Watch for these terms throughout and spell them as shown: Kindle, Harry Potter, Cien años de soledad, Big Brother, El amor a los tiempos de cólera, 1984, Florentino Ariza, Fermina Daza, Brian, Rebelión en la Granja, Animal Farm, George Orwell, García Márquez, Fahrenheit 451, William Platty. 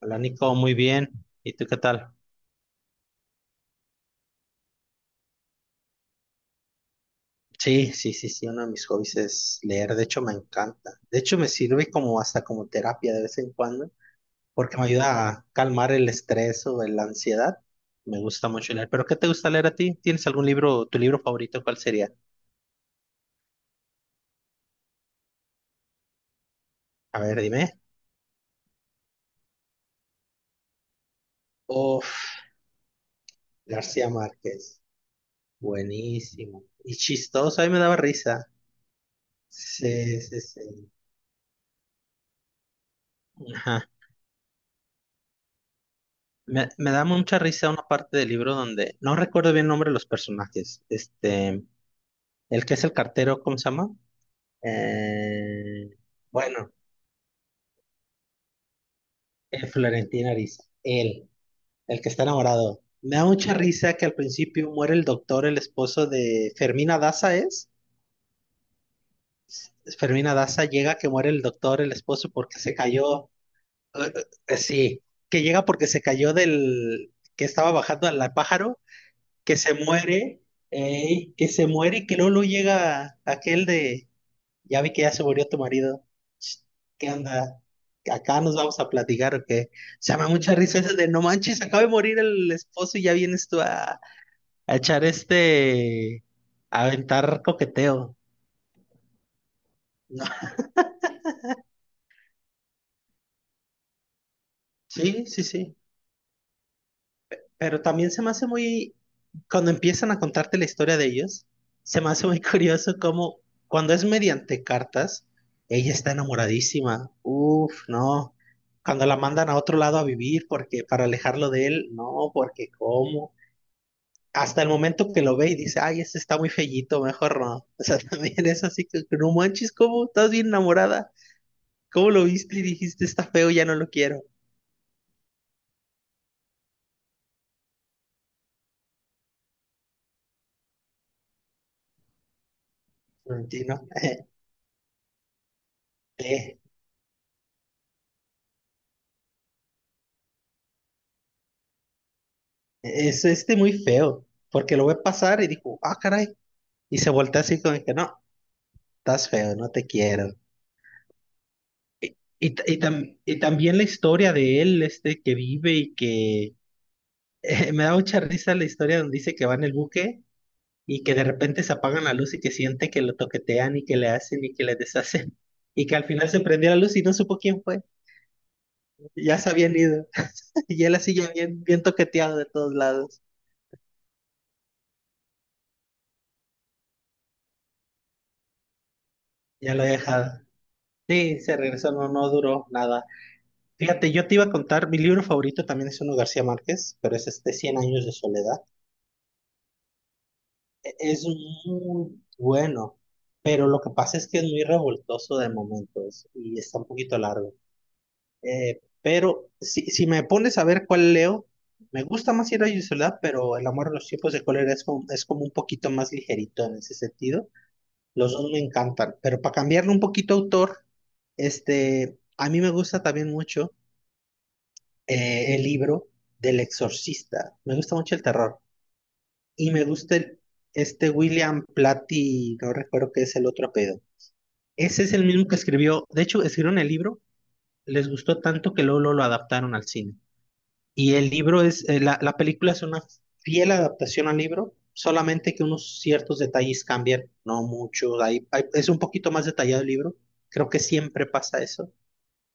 Hola Nico, muy bien. ¿Y tú qué tal? Sí, sí, sí, sí, uno de mis hobbies es leer, de hecho me encanta. De hecho me sirve como hasta como terapia de vez en cuando, porque me ayuda a calmar el estrés o la ansiedad. Me gusta mucho leer. ¿Pero qué te gusta leer a ti? ¿Tienes algún libro, tu libro favorito, cuál sería? A ver, dime. Uf, García Márquez. Buenísimo. Y chistoso, a mí me daba risa. Sí, sí, sí. Ajá. Me da mucha risa una parte del libro donde no recuerdo bien el nombre de los personajes. Este, el que es el cartero, ¿cómo se llama? Eh, bueno, Florentino Ariza, él, el que está enamorado. Me da mucha risa que al principio muere el doctor, el esposo de Fermina Daza, ¿es? Fermina Daza llega que muere el doctor, el esposo, porque se cayó. Eh, sí, que llega porque se cayó del que estaba bajando al pájaro que se muere, ey, que se muere y que luego, llega aquel de, ya vi que ya se murió tu marido, Ch, ¿qué onda? Acá nos vamos a platicar o qué. Se me da mucha risa ese de, no manches, acaba de morir el esposo y ya vienes tú a echar este, a aventar coqueteo. No, sí, sí, sí. Pero también se me hace muy, cuando empiezan a contarte la historia de ellos, se me hace muy curioso cómo cuando es mediante cartas, ella está enamoradísima. Uf, no. Cuando la mandan a otro lado a vivir porque para alejarlo de él, no, porque cómo. Hasta el momento que lo ve y dice, ay, ese está muy fellito, mejor no. O sea, también es así que no manches, ¿cómo? Estás bien enamorada. ¿Cómo lo viste y dijiste, está feo, ya no lo quiero? Sí, ¿no? Es este muy feo, porque lo ve pasar y dijo, ah, caray. Y se voltea así como que, no, estás feo, no te quiero. Y también la historia de él, este que vive y que me da mucha risa la historia donde dice que va en el buque y que de repente se apagan la luz y que siente que lo toquetean y que le hacen y que le deshacen. Y que al final se prendió la luz y no supo quién fue. Ya se habían ido. Y él así ya bien, bien toqueteado de todos lados. Ya lo he dejado. Sí, se regresó, no, no duró nada. Fíjate, yo te iba a contar, mi libro favorito también es uno de García Márquez, pero es este Cien años de soledad. Es muy bueno, pero lo que pasa es que es muy revoltoso de momentos y está un poquito largo. Pero si, si me pones a ver cuál leo, me gusta más Cien años de soledad, pero El amor a los tiempos de cólera es como un poquito más ligerito en ese sentido. Los dos me encantan, pero para cambiarle un poquito autor, este, a mí me gusta también mucho. El libro del exorcista. Me gusta mucho el terror. Y me gusta este William Platty, no recuerdo qué es el otro apellido. Ese es el mismo que escribió, de hecho, escribieron el libro, les gustó tanto que luego, luego lo adaptaron al cine. Y el libro es, la película es una fiel adaptación al libro, solamente que unos ciertos detalles cambian, no mucho, es un poquito más detallado el libro. Creo que siempre pasa eso.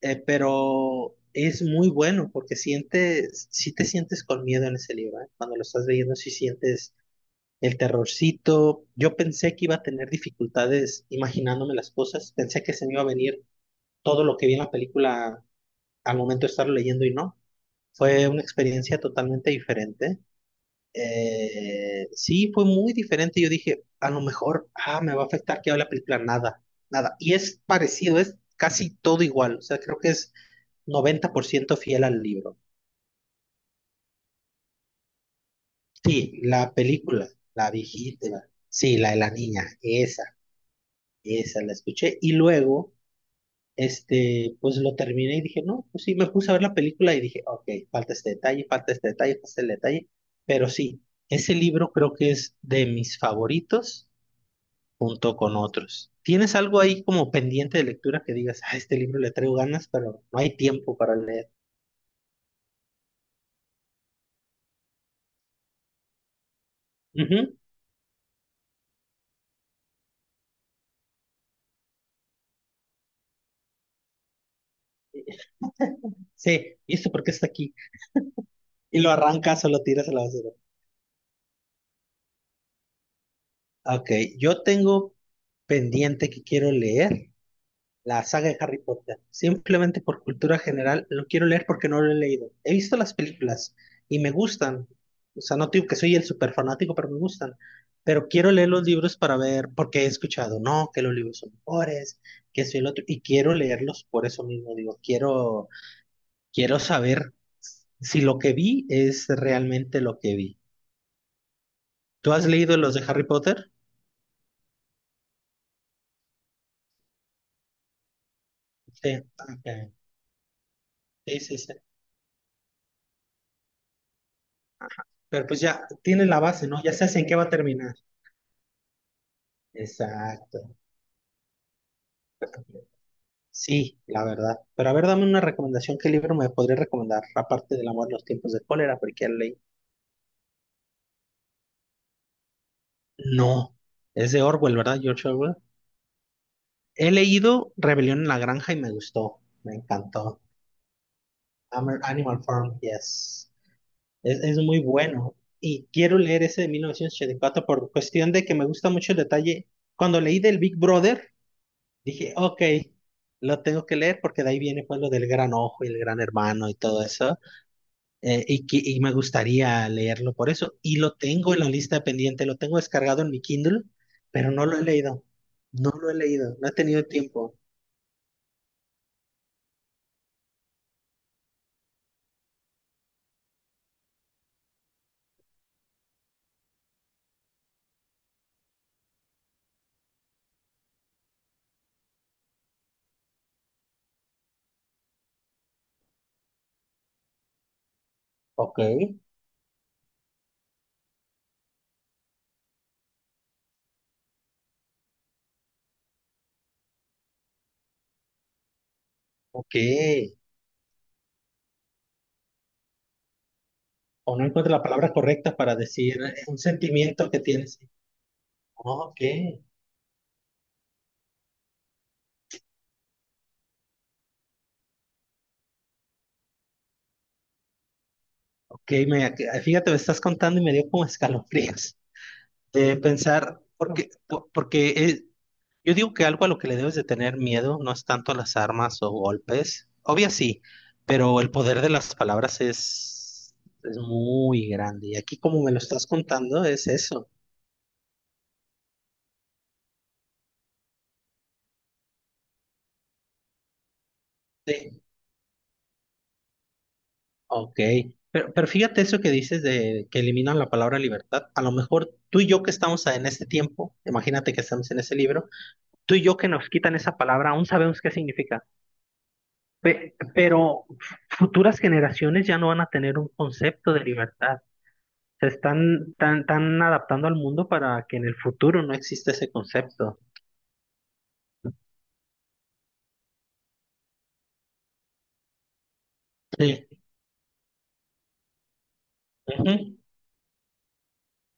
Pero es muy bueno porque sientes, si te sientes con miedo en ese libro, ¿eh? Cuando lo estás leyendo, si sientes el terrorcito. Yo pensé que iba a tener dificultades imaginándome las cosas, pensé que se me iba a venir todo lo que vi en la película al momento de estarlo leyendo y no. Fue una experiencia totalmente diferente. Sí, fue muy diferente. Yo dije, a lo mejor, ah, me va a afectar que hable la película, nada, nada. Y es parecido, es casi todo igual. O sea, creo que es 90% fiel al libro. Sí, la película, la viejita, sí, la de la niña, esa la escuché. Y luego, este, pues lo terminé y dije, no, pues sí, me puse a ver la película y dije, ok, falta este detalle, falta este detalle, falta este detalle. Pero sí, ese libro creo que es de mis favoritos junto con otros. ¿Tienes algo ahí como pendiente de lectura que digas, ah, este libro le traigo ganas, pero no hay tiempo para leer? Ujú. Sí, ¿y esto por qué está aquí? Y lo arrancas o lo tiras a la basura. Ok, yo tengo pendiente que quiero leer la saga de Harry Potter. Simplemente por cultura general lo quiero leer porque no lo he leído. He visto las películas y me gustan. O sea, no digo que soy el super fanático, pero me gustan. Pero quiero leer los libros para ver, porque he escuchado, no, que los libros son mejores, que soy el otro, y quiero leerlos por eso mismo. Digo, quiero, quiero saber si lo que vi es realmente lo que vi. ¿Tú has leído los de Harry Potter? Sí, ok. Sí, sí, sí. Pero pues ya tienes la base, ¿no? Ya sabes en qué va a terminar. Exacto. Sí, la verdad. Pero a ver, dame una recomendación. ¿Qué libro me podría recomendar? Aparte del amor en los tiempos de cólera, porque ya lo leí. No, es de Orwell, ¿verdad? George Orwell. He leído Rebelión en la Granja y me gustó. Me encantó. Animal Farm, yes. Es muy bueno. Y quiero leer ese de 1984 por cuestión de que me gusta mucho el detalle. Cuando leí del Big Brother, dije, ok, lo tengo que leer porque de ahí viene pues lo del gran ojo y el gran hermano y todo eso. Y me gustaría leerlo por eso. Y lo tengo en la lista pendiente, lo tengo descargado en mi Kindle, pero no lo he leído. No lo he leído, no he tenido tiempo. Ok, ok. O no encuentro la palabra correcta para decir un sentimiento que tienes. Ok, ok. Fíjate, me estás contando y me dio como escalofríos. De pensar, porque, porque yo digo que algo a lo que le debes de tener miedo no es tanto las armas o golpes. Obvio sí, pero el poder de las palabras es muy grande. Y aquí como me lo estás contando es eso. Sí, ok. Pero fíjate eso que dices de que eliminan la palabra libertad. A lo mejor tú y yo que estamos en este tiempo, imagínate que estamos en ese libro, tú y yo que nos quitan esa palabra, aún sabemos qué significa. Pero futuras generaciones ya no van a tener un concepto de libertad. Se están tan, tan adaptando al mundo para que en el futuro no exista ese concepto. Sí. Ujú.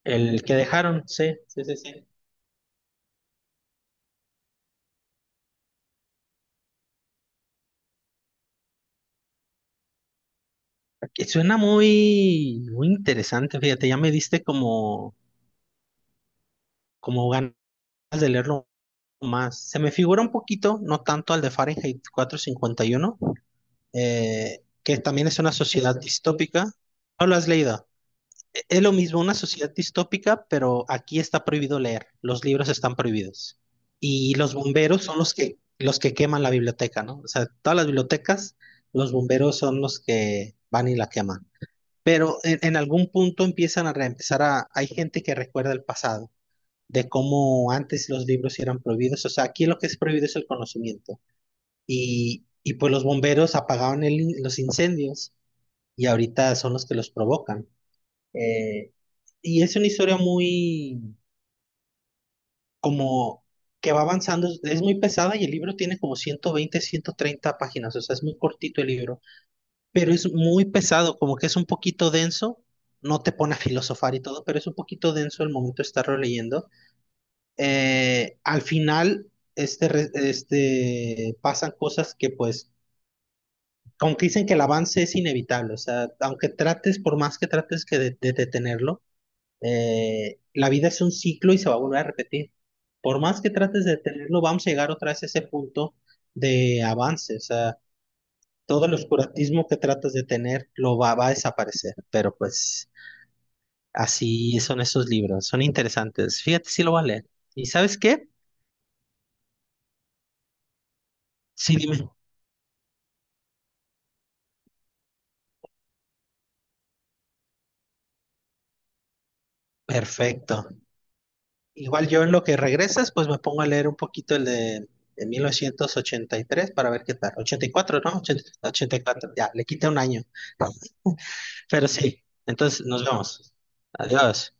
El que dejaron, sí, sí, sí, sí. Que suena muy, muy interesante, fíjate, ya me diste como ganas de leerlo más. Se me figura un poquito, no tanto al de Fahrenheit 451, que también es una sociedad distópica. ¿No lo has leído? Es lo mismo, una sociedad distópica, pero aquí está prohibido leer, los libros están prohibidos. Y los bomberos son los que queman la biblioteca, ¿no? O sea, todas las bibliotecas, los bomberos son los que van y la queman. Pero en algún punto empiezan a reempezar a, hay gente que recuerda el pasado, de cómo antes los libros eran prohibidos. O sea, aquí lo que es prohibido es el conocimiento. Y pues los bomberos apagaban los incendios y ahorita son los que los provocan. Eh, y es una historia muy como que va avanzando, es muy pesada y el libro tiene como 120 130 páginas, o sea, es muy cortito el libro, pero es muy pesado, como que es un poquito denso, no te pone a filosofar y todo, pero es un poquito denso el momento de estarlo leyendo. Al final, este, este, pasan cosas que pues, como que dicen que el avance es inevitable, o sea, aunque trates, por más que trates que de detenerlo, la vida es un ciclo y se va a volver a repetir. Por más que trates de detenerlo, vamos a llegar otra vez a ese punto de avance. O sea, todo el oscurantismo que tratas de tener lo va a desaparecer. Pero pues así son esos libros, son interesantes. Fíjate si lo voy a leer. ¿Y sabes qué? Sí, dime. Perfecto. Igual yo en lo que regresas, pues me pongo a leer un poquito el de 1983 para ver qué tal. 84, ¿no? Ochenta y cuatro ya, le quita un año. Pero sí, entonces nos vemos. Adiós.